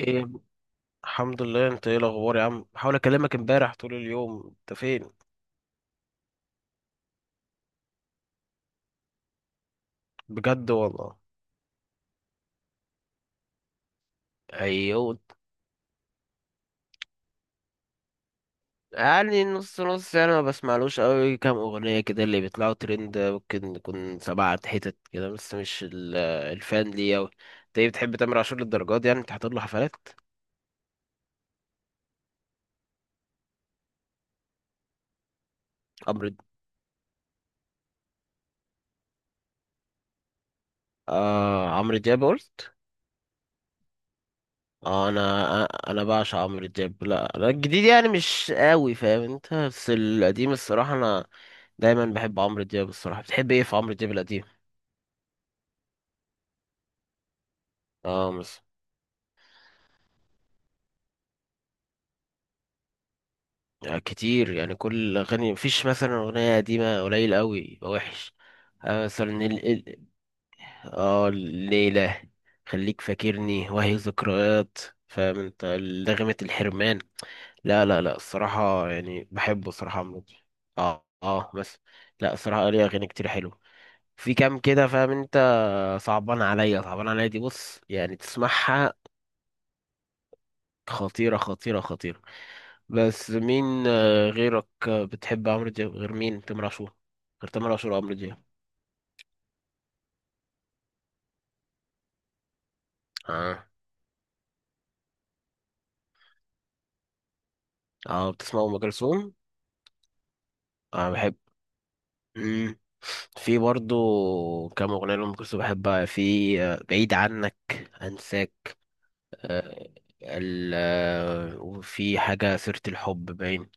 ايه. الحمد لله، انت ايه الاخبار يا عم؟ بحاول اكلمك امبارح طول اليوم، انت فين؟ بجد والله؟ ايوه. يعني نص نص، يعني ما بسمعلوش قوي، كام اغنيه كده اللي بيطلعوا ترند، ممكن يكون سبعة حتت كده، بس مش الفان ليه قوي. انت ايه بتحب تامر عاشور للدرجات دي يعني، انت حاطط له حفلات؟ عمرو د- آه، عمرو دياب قلت. اه، انا بعشق عمرو دياب. لا لا الجديد يعني مش قوي فاهم انت، بس القديم الصراحه انا دايما بحب عمرو دياب. الصراحه بتحب ايه في عمرو دياب القديم؟ اه مثلا، يعني كتير، يعني كل اغاني، مفيش مثلا اغنيه قديمه قليل قوي يبقى وحش. آه مثلا اه الليله، خليك فاكرني، وهي ذكريات. فاهم انت؟ لغمه الحرمان. لا لا لا الصراحه يعني بحبه الصراحه عمرو دياب. اه اه بس. لا الصراحه ليه اغاني كتير حلوه، في كام كده فاهم انت. صعبان عليا، صعبان عليا دي بص يعني تسمعها، خطيرة خطيرة خطيرة. بس مين غيرك بتحب عمرو دياب غير مين؟ تامر عاشور. غير تامر عاشور وعمرو دياب. اه. اه بتسمع ام كلثوم. اه بحب. مم. في برضو كام اغنية لام كلثوم بحبها. في بعيد عنك، انساك، آه، ال آه، وفي حاجة سيرة الحب باين.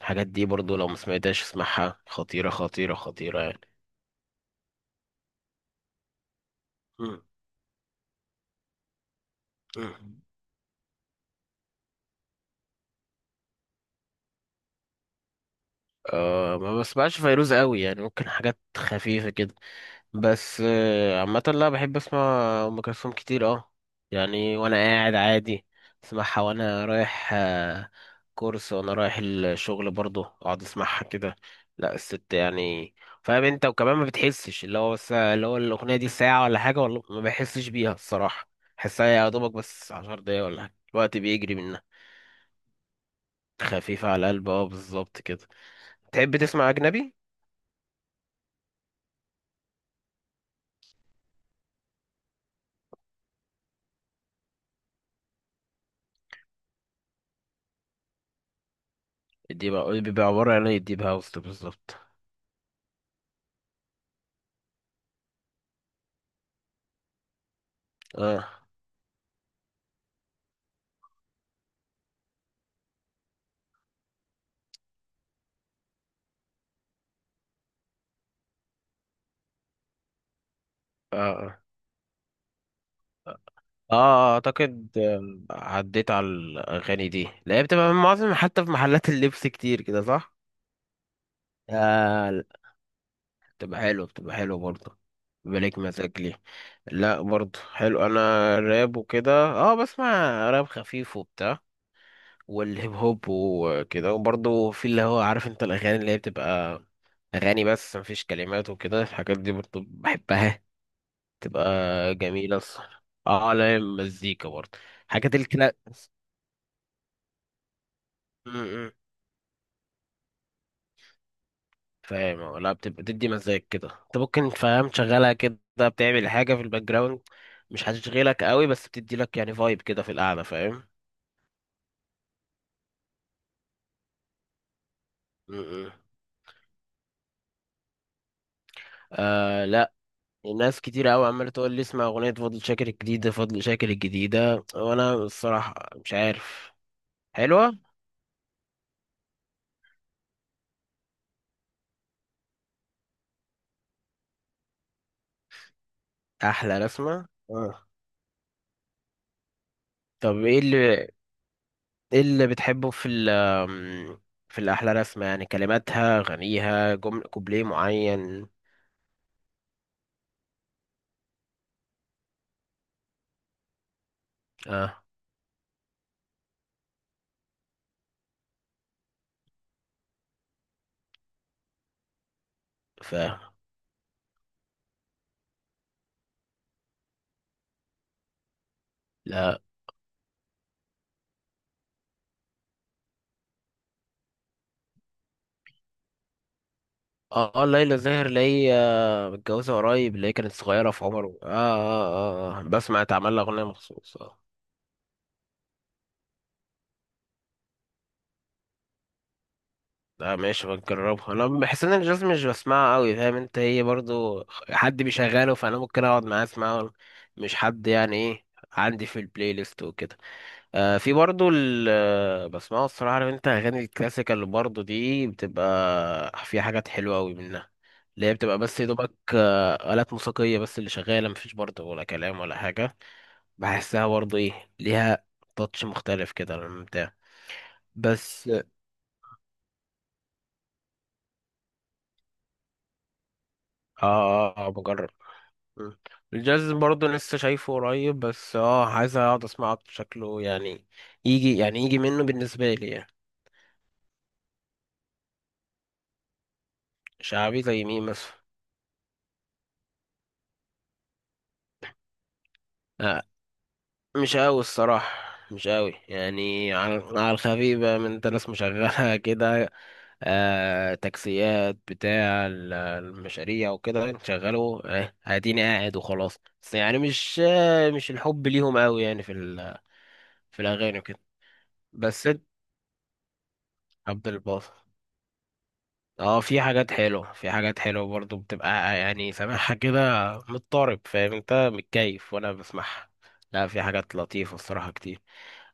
الحاجات دي برضو لو ما سمعتهاش اسمعها، خطيرة خطيرة خطيرة يعني. مم. أه ما بسمعش فيروز قوي، يعني ممكن حاجات خفيفة كده، بس عامة لا بحب اسمع أم كلثوم كتير اه. يعني وانا قاعد عادي اسمعها، وانا رايح كورس وانا رايح الشغل برضه اقعد اسمعها كده. لا الست يعني، فاهم انت. وكمان ما بتحسش اللي هو، بس اللي هو الاغنية دي ساعة ولا حاجة ولا، ما بحسش بيها الصراحة. بحسها يا دوبك بس عشر دقايق ولا حاجة، الوقت بيجري منها. خفيفة على القلب اه بالظبط كده. تحب تسمع أجنبي؟ دي بقى بيبقى عبارة عن ايه الديب هاوس ده بالظبط؟ اه اه اه. اه اعتقد عديت على الاغاني دي. لا هي بتبقى من معظم، حتى في محلات اللبس كتير كده صح. آه لا، بتبقى حلوه، بتبقى حلوه برضه. بالك مزاج ليه. لا برضه حلو. انا راب وكده اه بسمع، راب خفيف وبتاع، والهيب هوب وكده. وبرضه في اللي هو عارف انت الاغاني اللي هي بتبقى اغاني بس مفيش كلمات وكده، الحاجات دي برضه بحبها، تبقى جميلة الصراحة. اه لا مزيكا برضه، حاجات الكنا. م- م. فاهم اه، لا بتبقى تدي مزاج كده انت ممكن فاهم تشغلها كده، بتعمل حاجة في الباك جراوند، مش هتشغلك قوي بس بتدي لك يعني فايب كده في القعدة، فاهم. م- م. آه لا، ناس كتير قوي عمالة تقول لي اسمع أغنية فضل شاكر الجديدة، فضل شاكر الجديدة، وأنا الصراحة مش عارف. حلوة. أحلى رسمة آه. طب ايه اللي، ايه اللي بتحبه في ال في الأحلى رسمة؟ يعني كلماتها، غنيها، جمل، كوبليه معين. اه ف لا اه. اه ليلى زاهر اللي هي متجوزة قريب، اللي هي كانت صغيرة في عمر، اه اه اه آه. بسمع اتعمل لها أغنية مخصوص اه. لا ماشي بجربها، انا بحس ان الجاز مش بسمعها قوي، فاهم انت. هي برضو حد بيشغله فانا ممكن اقعد معاه اسمعه، مش حد يعني، ايه عندي في البلاي ليست وكده. آه في برضو ال آه، بسمعه الصراحة عارف انت، أغاني الكلاسيكال برضو دي بتبقى فيها حاجات حلوة أوي منها، اللي هي بتبقى بس يا دوبك آلات موسيقية بس اللي شغالة، مفيش برضو ولا كلام ولا حاجة. بحسها برضو ايه ليها تاتش مختلف كده للممتع. بس اه بجرب. مم. الجاز برضو لسه شايفه قريب، بس اه عايز اقعد اسمعه أكتر، شكله يعني يجي، يعني يجي منه بالنسبة لي يعني. شعبي زي مين مثلا؟ آه، مش قوي الصراحة، مش قوي، يعني على على الخفيف بقى من انت ناس مشغلة كده. آه تاكسيات بتاع المشاريع وكده، شغلوا آه اديني قاعد وخلاص. بس يعني مش آه مش الحب ليهم قوي يعني، في في الاغاني وكده. بس انت، عبد الباسط، اه في حاجات حلوة، في حاجات حلوة برضو بتبقى يعني سامعها كده مضطرب فاهم انت، متكيف وانا بسمعها. لا في حاجات لطيفة الصراحة كتير.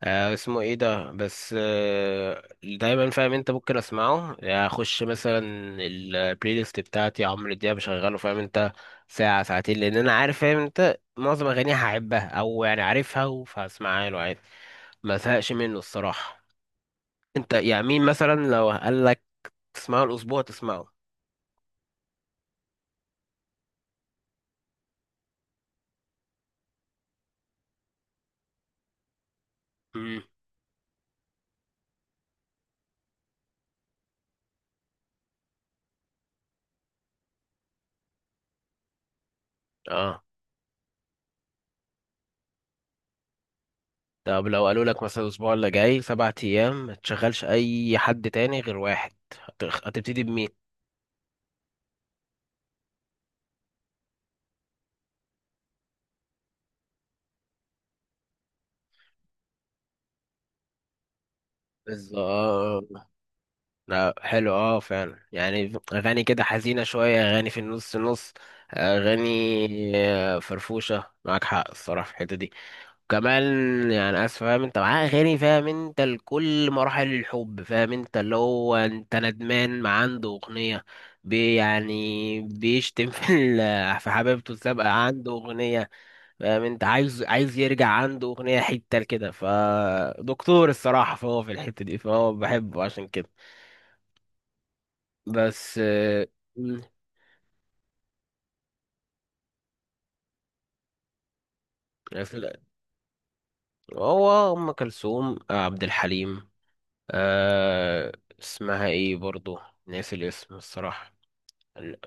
آه اسمه ايه ده؟ بس آه دايما فاهم انت ممكن اسمعه يعني، اخش مثلا البلاي ليست بتاعتي عمرو دياب بشغله فاهم انت، ساعة ساعتين، لان انا عارف فاهم انت معظم اغانيها هحبها او يعني عارفها فهسمعها له عادي. ما زهقش منه الصراحة. انت يعني مين مثلا لو قال لك تسمعه الاسبوع تسمعه؟ مم. اه. طب لو قالوا لك مثلا الاسبوع اللي جاي سبع ايام ما تشغلش اي حد تاني غير واحد، هتبتدي بمين؟ بالظبط. لا حلو اه فعلا، يعني اغاني كده حزينه شويه، اغاني في النص نص، اغاني فرفوشه، معاك حق الصراحه في الحته دي كمان. يعني اسف فاهم انت، معاه اغاني فاهم انت لكل مراحل الحب فاهم انت، اللي هو انت ندمان ما عنده اغنيه، بي يعني بيشتم في في حبيبته السابقه عنده اغنيه، فاهم انت؟ عايز، عايز يرجع عنده اغنيه، حته كده فدكتور الصراحه، فهو في الحته دي فهو بحبه عشان كده. بس مم، في ال- هو ام كلثوم عبد الحليم. أه اسمها ايه برضو؟ ناسي الاسم الصراحه.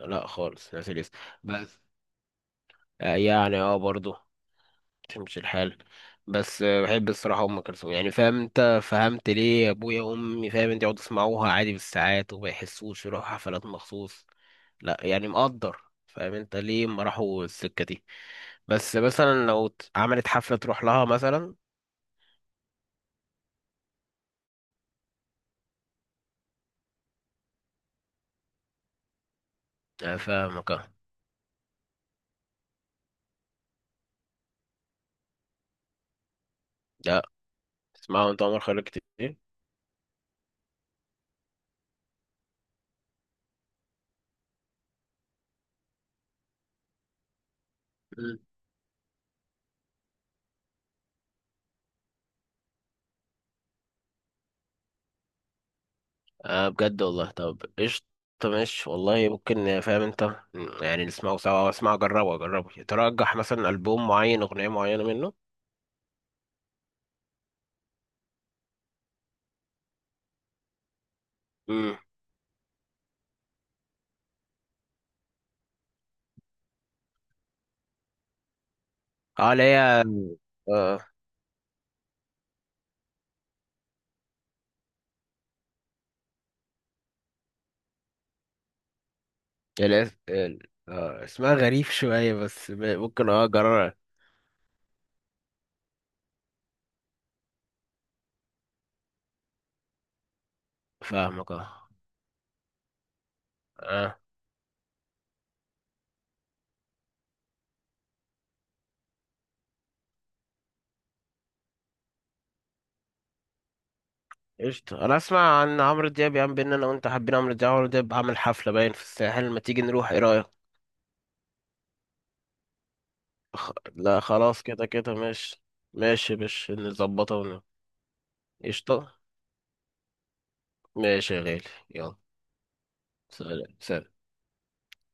لا خالص ناسي الاسم. بس يعني اه برضه تمشي الحال. بس بحب الصراحة أم كلثوم يعني، فاهم أنت؟ فهمت ليه أبويا وأمي فاهم أنت يقعدوا يسمعوها عادي بالساعات وما يحسوش، يروحوا حفلات مخصوص؟ لا يعني مقدر فاهم أنت ليه ما راحوا السكة دي. بس مثلا لو عملت حفلة تروح لها مثلا. فاهمك آه. لا اسمعوا أنت عمر خيرك كتير. آه بجد والله؟ طب قشطة ماشي والله، ممكن فاهم انت يعني نسمعه سوا، أو اسمعه جربه، جربه ترجح مثلا ألبوم معين، أغنية معينة منه. امم اه اللي هي، آه اللي هي، اسمها غريب شوية، بس ممكن اه جرب. فاهمك اه. اه قشطة. انا اسمع عن عمرو دياب يا عم، بينا انا وانت حابين عمرو دياب، عمرو دياب عامل حفلة باين في الساحل، ما تيجي نروح، ايه رأيك؟ لا خلاص، كده كده ماشي، ماشي باش نظبطها قشطة. ماشي يا غالي. يلا. سلام سلام.